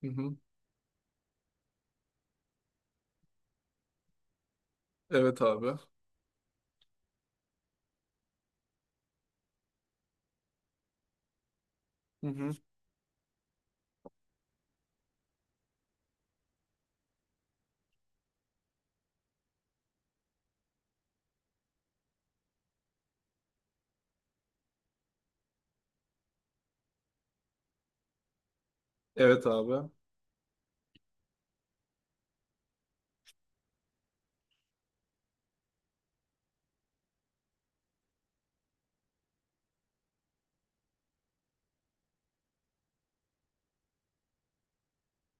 Hı hı. Evet abi. Hı hı. Evet abi.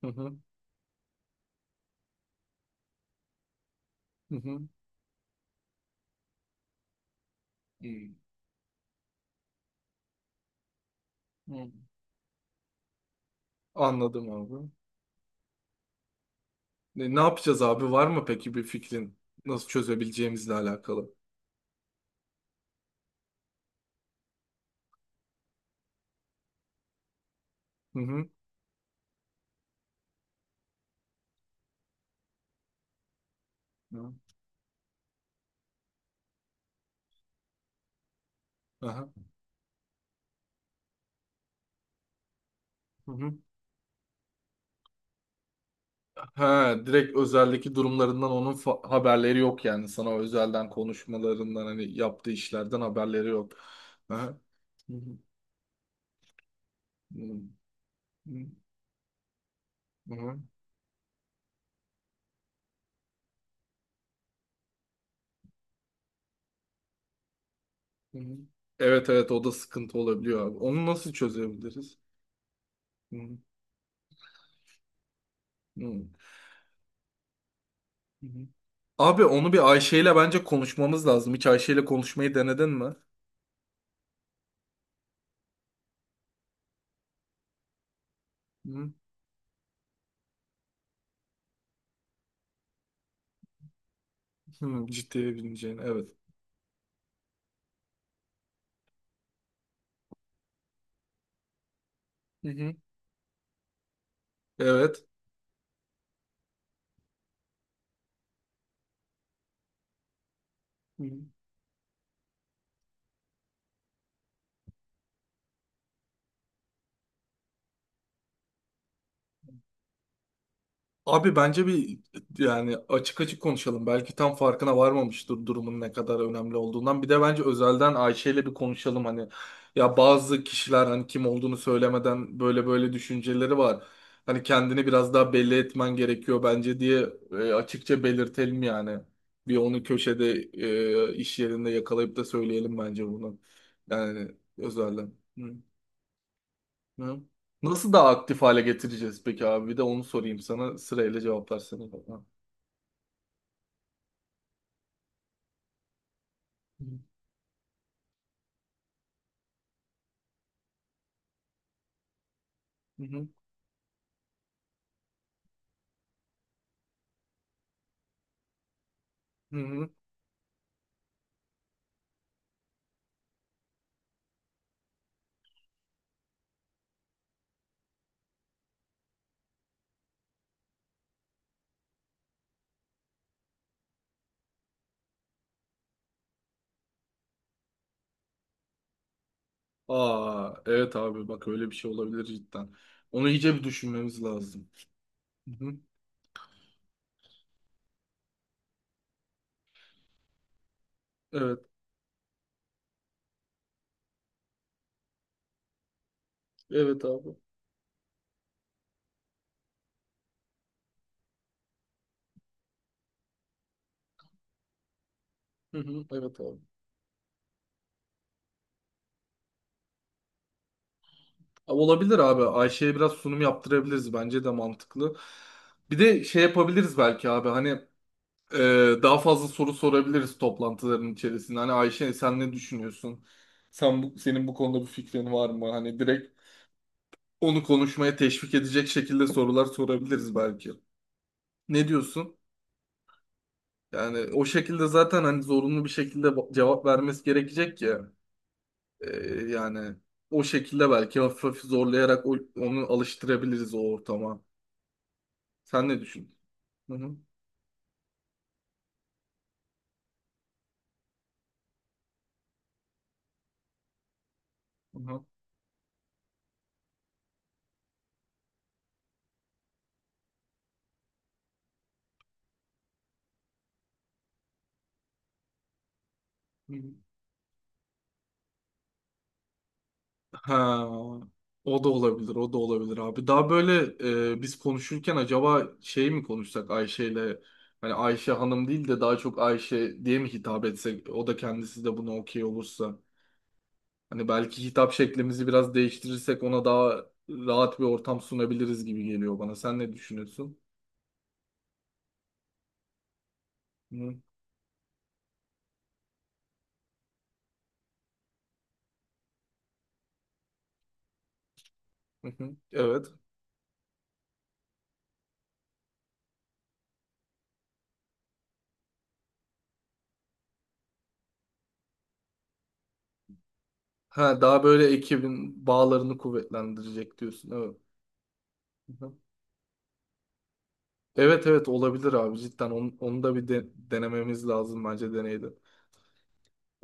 Hı hı. Hı hı. Hmm. Hı. Anladım abi. Ne yapacağız abi? Var mı peki bir fikrin? Nasıl çözebileceğimizle alakalı? Hı hı. Hı. Aha. Hı hı. Ha, direkt özeldeki durumlarından onun haberleri yok yani. Sana özelden konuşmalarından hani yaptığı işlerden haberleri yok. Aha. Hı hı. Hı hı. Hı hı. Hı hı. Evet, evet, o da sıkıntı olabiliyor abi. Onu nasıl çözebiliriz? Hı hı. Hı hı. Abi onu bir Ayşe ile bence konuşmamız lazım. Hiç Ayşe ile konuşmayı denedin mi? Hı hı, ciddiye bineceğini. Evet. Hı hı. Evet. Hı. Abi bence bir yani açık açık konuşalım. Belki tam farkına varmamıştır durumun ne kadar önemli olduğundan. Bir de bence özelden Ayşe ile bir konuşalım hani. Ya bazı kişiler hani kim olduğunu söylemeden böyle böyle düşünceleri var. Hani kendini biraz daha belli etmen gerekiyor bence diye açıkça belirtelim yani. Bir onu köşede iş yerinde yakalayıp da söyleyelim bence bunu. Yani özelden. Hı. Hı. Nasıl daha aktif hale getireceğiz peki abi? Bir de onu sorayım sana. Sırayla cevaplarsana bana. Hı hı. Hı hı. Aa, evet abi, bak öyle bir şey olabilir cidden. Onu iyice bir düşünmemiz lazım. Hı hı. Evet. Evet abi. Hı hı. Evet abi. Abi olabilir abi. Ayşe'ye biraz sunum yaptırabiliriz. Bence de mantıklı. Bir de şey yapabiliriz belki abi. Hani e, daha fazla soru sorabiliriz toplantıların içerisinde. Hani Ayşe, sen ne düşünüyorsun? Sen senin bu konuda bir fikrin var mı? Hani direkt onu konuşmaya teşvik edecek şekilde sorular sorabiliriz belki. Ne diyorsun? Yani o şekilde zaten hani zorunlu bir şekilde cevap vermesi gerekecek ya. Ee, Yani o şekilde belki hafif hafif zorlayarak onu alıştırabiliriz o ortama. Sen ne düşünüyorsun? Hı hı. Hı hı. Ha, o da olabilir, o da olabilir abi. Daha böyle biz konuşurken acaba şey mi konuşsak Ayşe'yle, hani Ayşe Hanım değil de daha çok Ayşe diye mi hitap etsek, o da kendisi de buna okey olursa. Hani belki hitap şeklimizi biraz değiştirirsek ona daha rahat bir ortam sunabiliriz gibi geliyor bana. Sen ne düşünüyorsun? Hı, hı, hı. Evet. Ha, daha böyle ekibin bağlarını kuvvetlendirecek diyorsun. Evet. Evet, evet, olabilir abi cidden, onu, onu da bir denememiz lazım bence deneydi.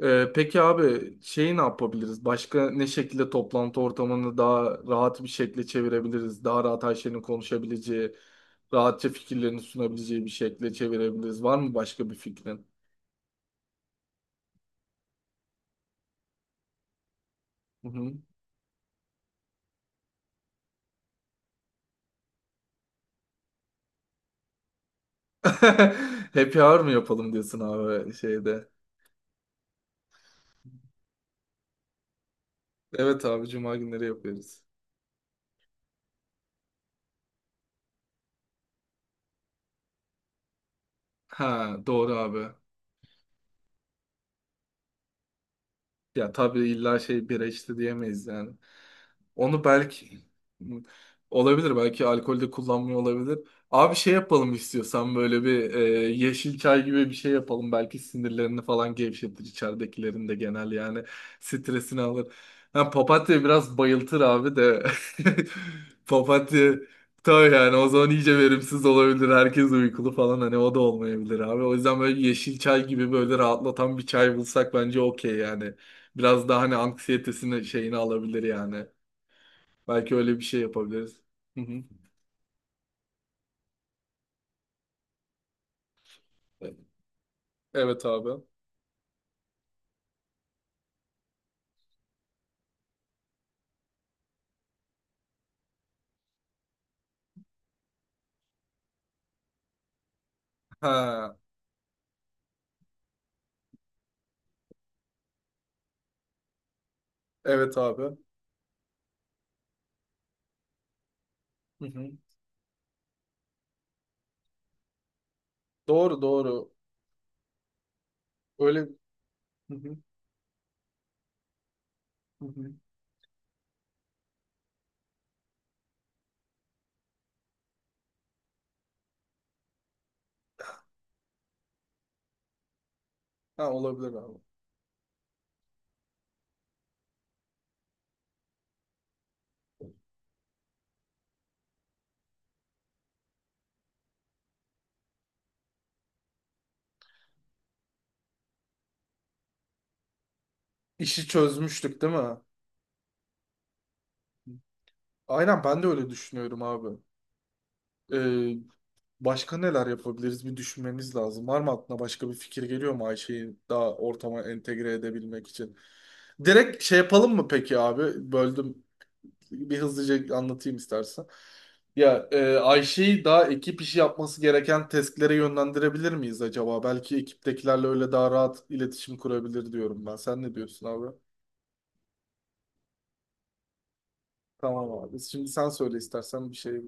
Peki abi, şeyi ne yapabiliriz? Başka ne şekilde toplantı ortamını daha rahat bir şekilde çevirebiliriz? Daha rahat her şeyini konuşabileceği, rahatça fikirlerini sunabileceği bir şekilde çevirebiliriz. Var mı başka bir fikrin? Hı hı. Happy hour mı yapalım diyorsun abi şeyde? Evet abi, cuma günleri yapıyoruz. Ha, doğru abi. Ya tabii illa şey bira içti diyemeyiz yani. Onu belki, olabilir, belki alkolde kullanmıyor olabilir. Abi şey yapalım istiyorsan böyle bir yeşil çay gibi bir şey yapalım. Belki sinirlerini falan gevşetir, içeridekilerin de genel yani stresini alır. Ha, papatya biraz bayıltır abi de papatya tabii yani, o zaman iyice verimsiz olabilir. Herkes uykulu falan, hani o da olmayabilir abi. O yüzden böyle yeşil çay gibi böyle rahatlatan bir çay bulsak bence okey yani. Biraz daha hani anksiyetesini şeyini alabilir yani. Belki öyle bir şey yapabiliriz. Hı hı. Evet abi. Ha, evet abi. Hı hı. Doğru, doğru. Öyle. Hı hı. Hı hı. Ha, olabilir abi. İşi çözmüştük değil mi? Aynen, ben de öyle düşünüyorum abi. Ee, Başka neler yapabiliriz, bir düşünmeniz lazım. Var mı aklına başka bir fikir geliyor mu Ayşe'yi daha ortama entegre edebilmek için? Direkt şey yapalım mı peki abi? Böldüm. Bir hızlıca anlatayım istersen. Ya Ayşe'yi daha ekip işi yapması gereken testlere yönlendirebilir miyiz acaba? Belki ekiptekilerle öyle daha rahat iletişim kurabilir diyorum ben. Sen ne diyorsun abi? Tamam abi. Şimdi sen söyle istersen bir şey.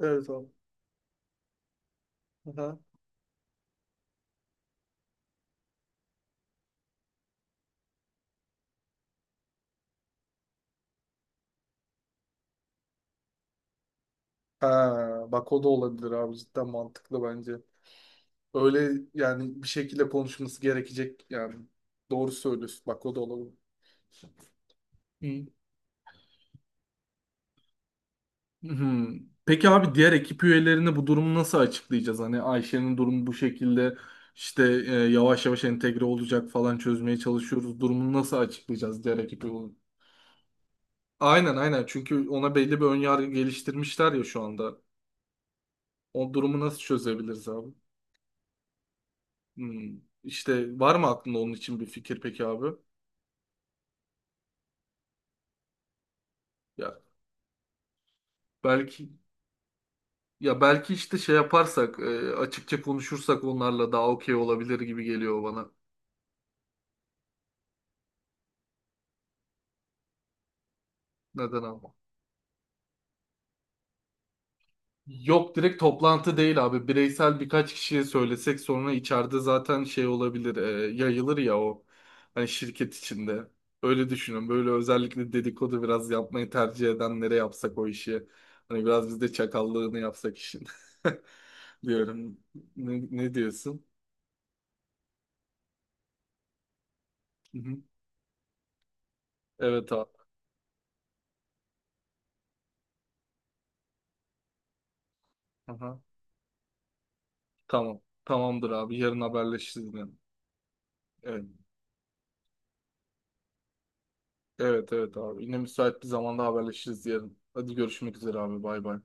Evet abi. Aha. Ha, bak o da olabilir abi. Cidden mantıklı bence. Öyle yani, bir şekilde konuşması gerekecek yani. Doğru söylüyorsun. Bak o da olabilir. Hı. Hmm. Peki abi, diğer ekip üyelerine bu durumu nasıl açıklayacağız? Hani Ayşe'nin durumu bu şekilde, işte yavaş yavaş entegre olacak falan, çözmeye çalışıyoruz. Durumunu nasıl açıklayacağız diğer ekip üyelerine? Aynen, aynen, çünkü ona belli bir ön yargı geliştirmişler ya şu anda. O durumu nasıl çözebiliriz abi? Hmm. İşte var mı aklında onun için bir fikir peki abi? Ya belki, ya belki işte şey yaparsak açıkça konuşursak onlarla daha okey olabilir gibi geliyor bana. Neden abi? Yok, direkt toplantı değil abi. Bireysel birkaç kişiye söylesek sonra içeride zaten şey olabilir, yayılır ya o. Hani şirket içinde. Öyle düşünün. Böyle özellikle dedikodu biraz yapmayı tercih edenlere yapsak o işi. Hani biraz biz de çakallığını yapsak işin. Diyorum. Ne diyorsun? Hı hı. Evet abi. Aha. Tamam. Tamamdır abi. Yarın haberleşiriz yine. Evet. Evet, evet abi. Yine müsait bir zamanda haberleşiriz yarın. Hadi görüşmek üzere abi. Bay bay.